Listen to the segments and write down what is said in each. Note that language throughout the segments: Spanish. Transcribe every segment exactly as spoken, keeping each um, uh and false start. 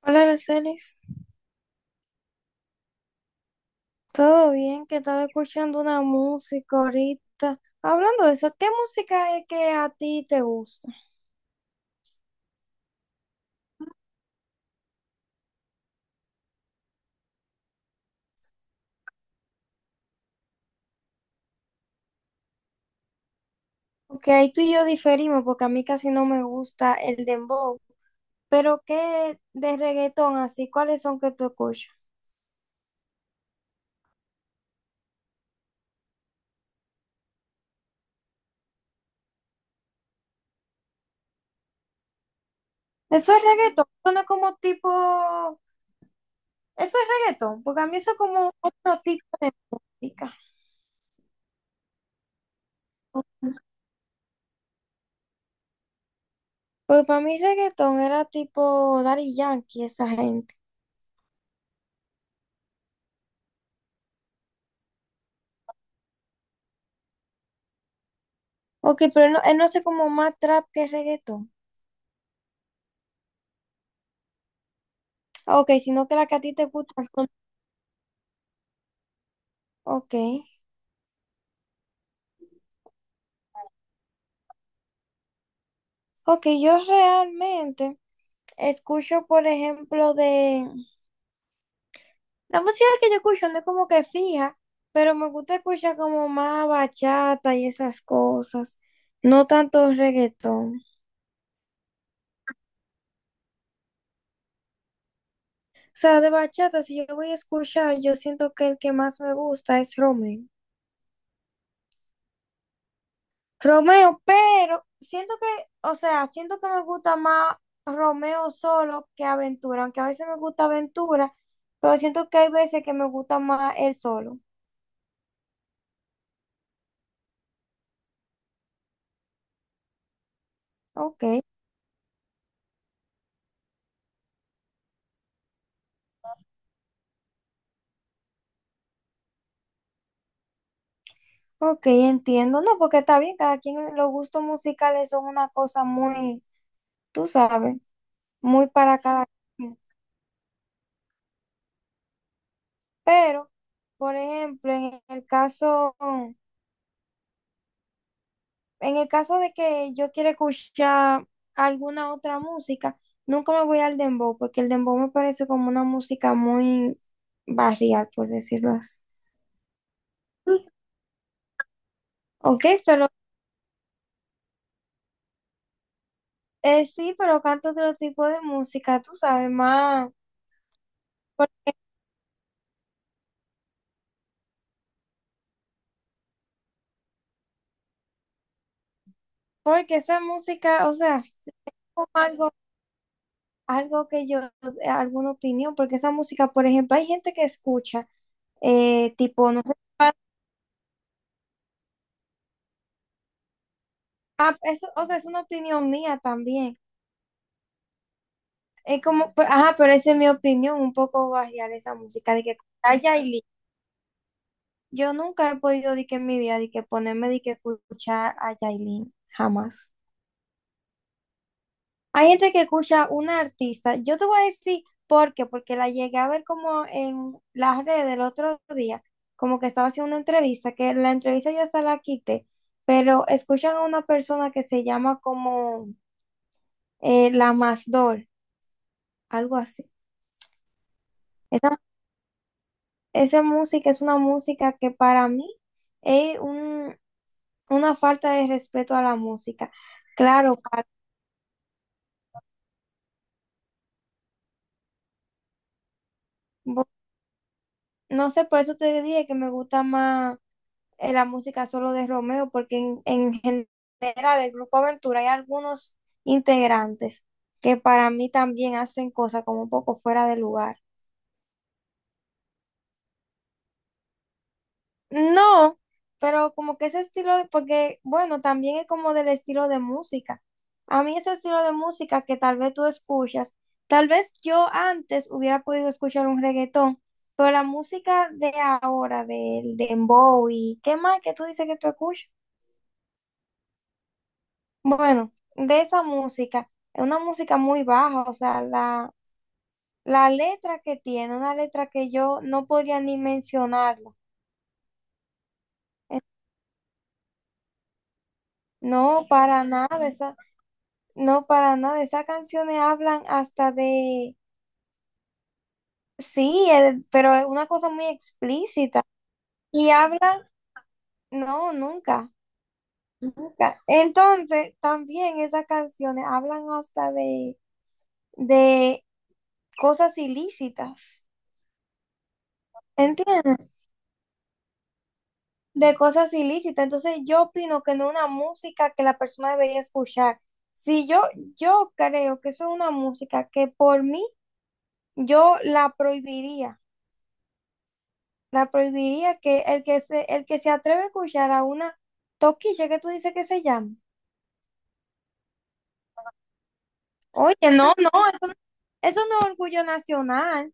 Hola, Aracelis. ¿Todo bien? Que estaba escuchando una música ahorita. Hablando de eso, ¿qué música es que a ti te gusta? Porque ahí tú y yo diferimos, porque a mí casi no me gusta el dembow. Pero ¿qué de reggaetón así? ¿Cuáles son que tú escuchas? Eso es reggaetón, suena como tipo... Eso es reggaetón, porque a mí eso es como otro tipo de música. Pues para mí reggaetón era tipo Daddy Yankee, esa gente. Ok, pero no, eh, no sé como más trap que reggaetón. Ah, ok, sino que la que a ti te gusta son... Ok. Ok, yo realmente escucho, por ejemplo, de... La música que yo escucho no es como que fija, pero me gusta escuchar como más bachata y esas cosas. No tanto reggaetón. O sea, de bachata, si yo voy a escuchar, yo siento que el que más me gusta es Romeo. Romeo, pero siento que, o sea, siento que me gusta más Romeo solo que Aventura, aunque a veces me gusta Aventura, pero siento que hay veces que me gusta más él solo. Ok, ok, entiendo. No, porque está bien, cada quien, los gustos musicales son una cosa muy, tú sabes, muy para cada quien. Pero, por ejemplo, en el caso en el caso de que yo quiera escuchar alguna otra música, nunca me voy al dembow, porque el dembow me parece como una música muy barrial, por decirlo así. Ok, pero eh, sí, pero canto otro tipo de música, tú sabes, más, por- porque esa música, o sea, como algo, algo que yo, eh, alguna opinión, porque esa música, por ejemplo, hay gente que escucha, eh, tipo, no sé, ah, eso, o sea, es una opinión mía también. Es como, pe- ajá, pero esa es mi opinión, un poco barrial esa música, de que a Yailin, yo nunca he podido, de que en mi vida, de que ponerme, de que escuchar a Yailin, jamás. Hay gente que escucha una artista, yo te voy a decir por qué, porque la llegué a ver como en las redes del otro día, como que estaba haciendo una entrevista, que la entrevista ya hasta la quité, pero escuchan a una persona que se llama como eh, la Masdol, algo así. Esa música es una música que para mí es un- una falta de respeto a la música. Claro, pa- bo- no sé, por eso te dije que me gusta más eh, la música solo de Romeo, porque en, en general el grupo Aventura hay algunos integrantes que para mí también hacen cosas como un poco fuera de lugar. No, pero como que ese estilo de, porque bueno, también es como del estilo de música. A mí ese estilo de música que tal vez tú escuchas, tal vez yo antes hubiera podido escuchar un reggaetón, pero la música de ahora, del dembow y qué más que tú dices que tú escuchas. Bueno, de esa música, es una música muy baja, o sea, la, la letra que tiene, una letra que yo no podría ni mencionarla. No, para nada. No, para nada. Esas canciones hablan hasta de, sí, eh, pero es una cosa muy explícita. Y hablan, no, nunca, nunca. Entonces, también esas canciones hablan hasta de, de cosas ilícitas. ¿Entiendes? De cosas ilícitas. Entonces, yo opino que no es una música que la persona debería escuchar. Si yo, yo creo que eso es una música que por mí yo la prohibiría. La prohibiría que el que se, el que se atreve a escuchar a una toquilla que tú dices que se llama. Oye, no, no, eso, no- eso no es orgullo nacional.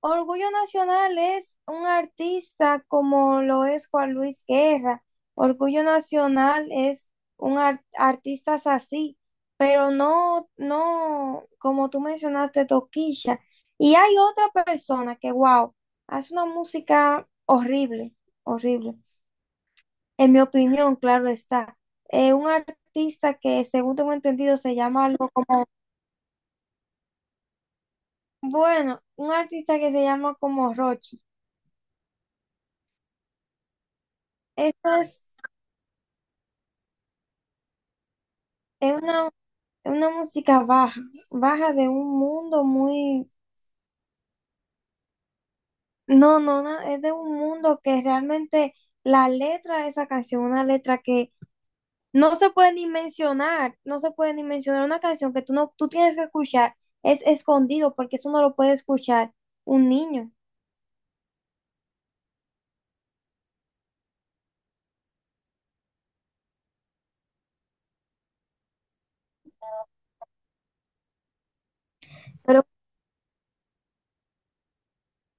Orgullo nacional es un artista como lo es Juan Luis Guerra. Orgullo nacional es un ar- artistas así, pero no, no, como tú mencionaste, toquilla. Y hay otra persona que, wow, hace una música horrible, horrible. En mi opinión, claro está. Eh, un artista que, según tengo entendido, se llama algo como, bueno, un artista que se llama como Rochi. Esto es, es una, una música baja, baja de un mundo muy, no, no, no, es de un mundo que realmente la letra de esa canción, una letra que no se puede ni mencionar, no se puede ni mencionar una canción que tú no, tú tienes que escuchar, es escondido porque eso no lo puede escuchar un niño.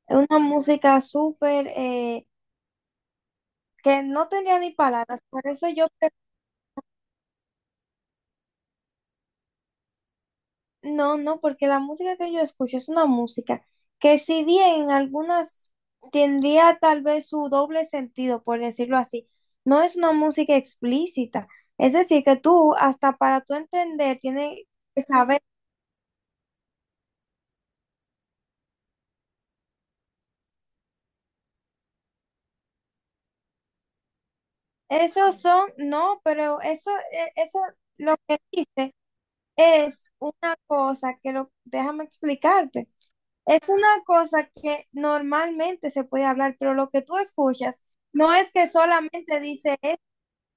Es una música súper eh, que no tendría ni palabras. Por eso yo, pre- no, no, porque la música que yo escucho es una música que si bien en algunas tendría tal vez su doble sentido, por decirlo así, no es una música explícita. Es decir, que tú, hasta para tú entender, tienes que saber. Esos son, no, pero eso, eh, eso lo que dice es una cosa que lo, déjame explicarte. Es una cosa que normalmente se puede hablar, pero lo que tú escuchas no es que solamente dice,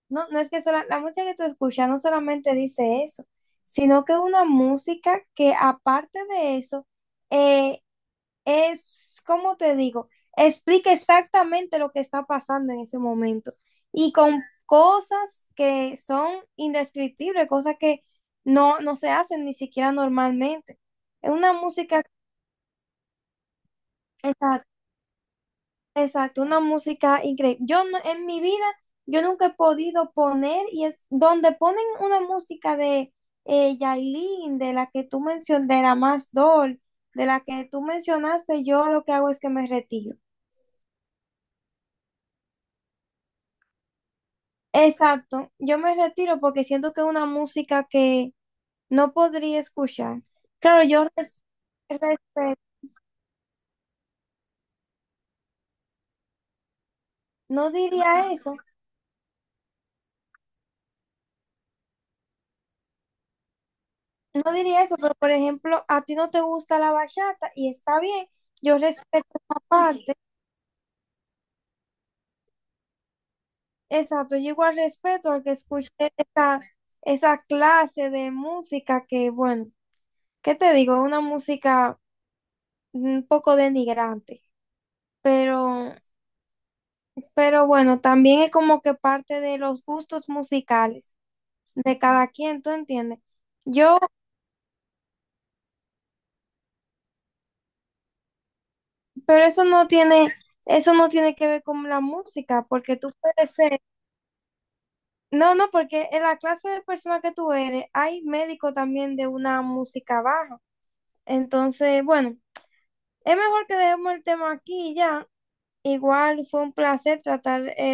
no, no es que sola- la música que tú escuchas no solamente dice eso, sino que es una música que aparte de eso, eh, es, ¿cómo te digo? Explica exactamente lo que está pasando en ese momento y con cosas que son indescriptibles, cosas que no, no se hacen ni siquiera normalmente. Es una música... Exacto. Exacto, una música increíble. Yo no- en mi vida, yo nunca he podido poner, y es donde ponen una música de eh, Yailin, de la que tú mencionaste, de la más Doll, de la que tú mencionaste, yo lo que hago es que me retiro. Exacto, yo me retiro porque siento que es una música que no podría escuchar. Claro, yo res- respeto, no diría eso, no diría eso, pero por ejemplo, a ti no te gusta la bachata y está bien, yo respeto. Exacto, yo igual respeto al que escuche esa, esa clase de música que, bueno, ¿qué te digo? Una música un poco denigrante, pero, pero bueno, también es como que parte de los gustos musicales de cada quien, ¿tú entiendes? Yo, pero eso no tiene, eso no tiene que ver con la música, porque tú puedes ser, no, no, porque en la clase de persona que tú eres, hay médicos también de una música baja. Entonces, bueno. Es mejor que dejemos el tema aquí ya. Igual fue un placer tratar eh, los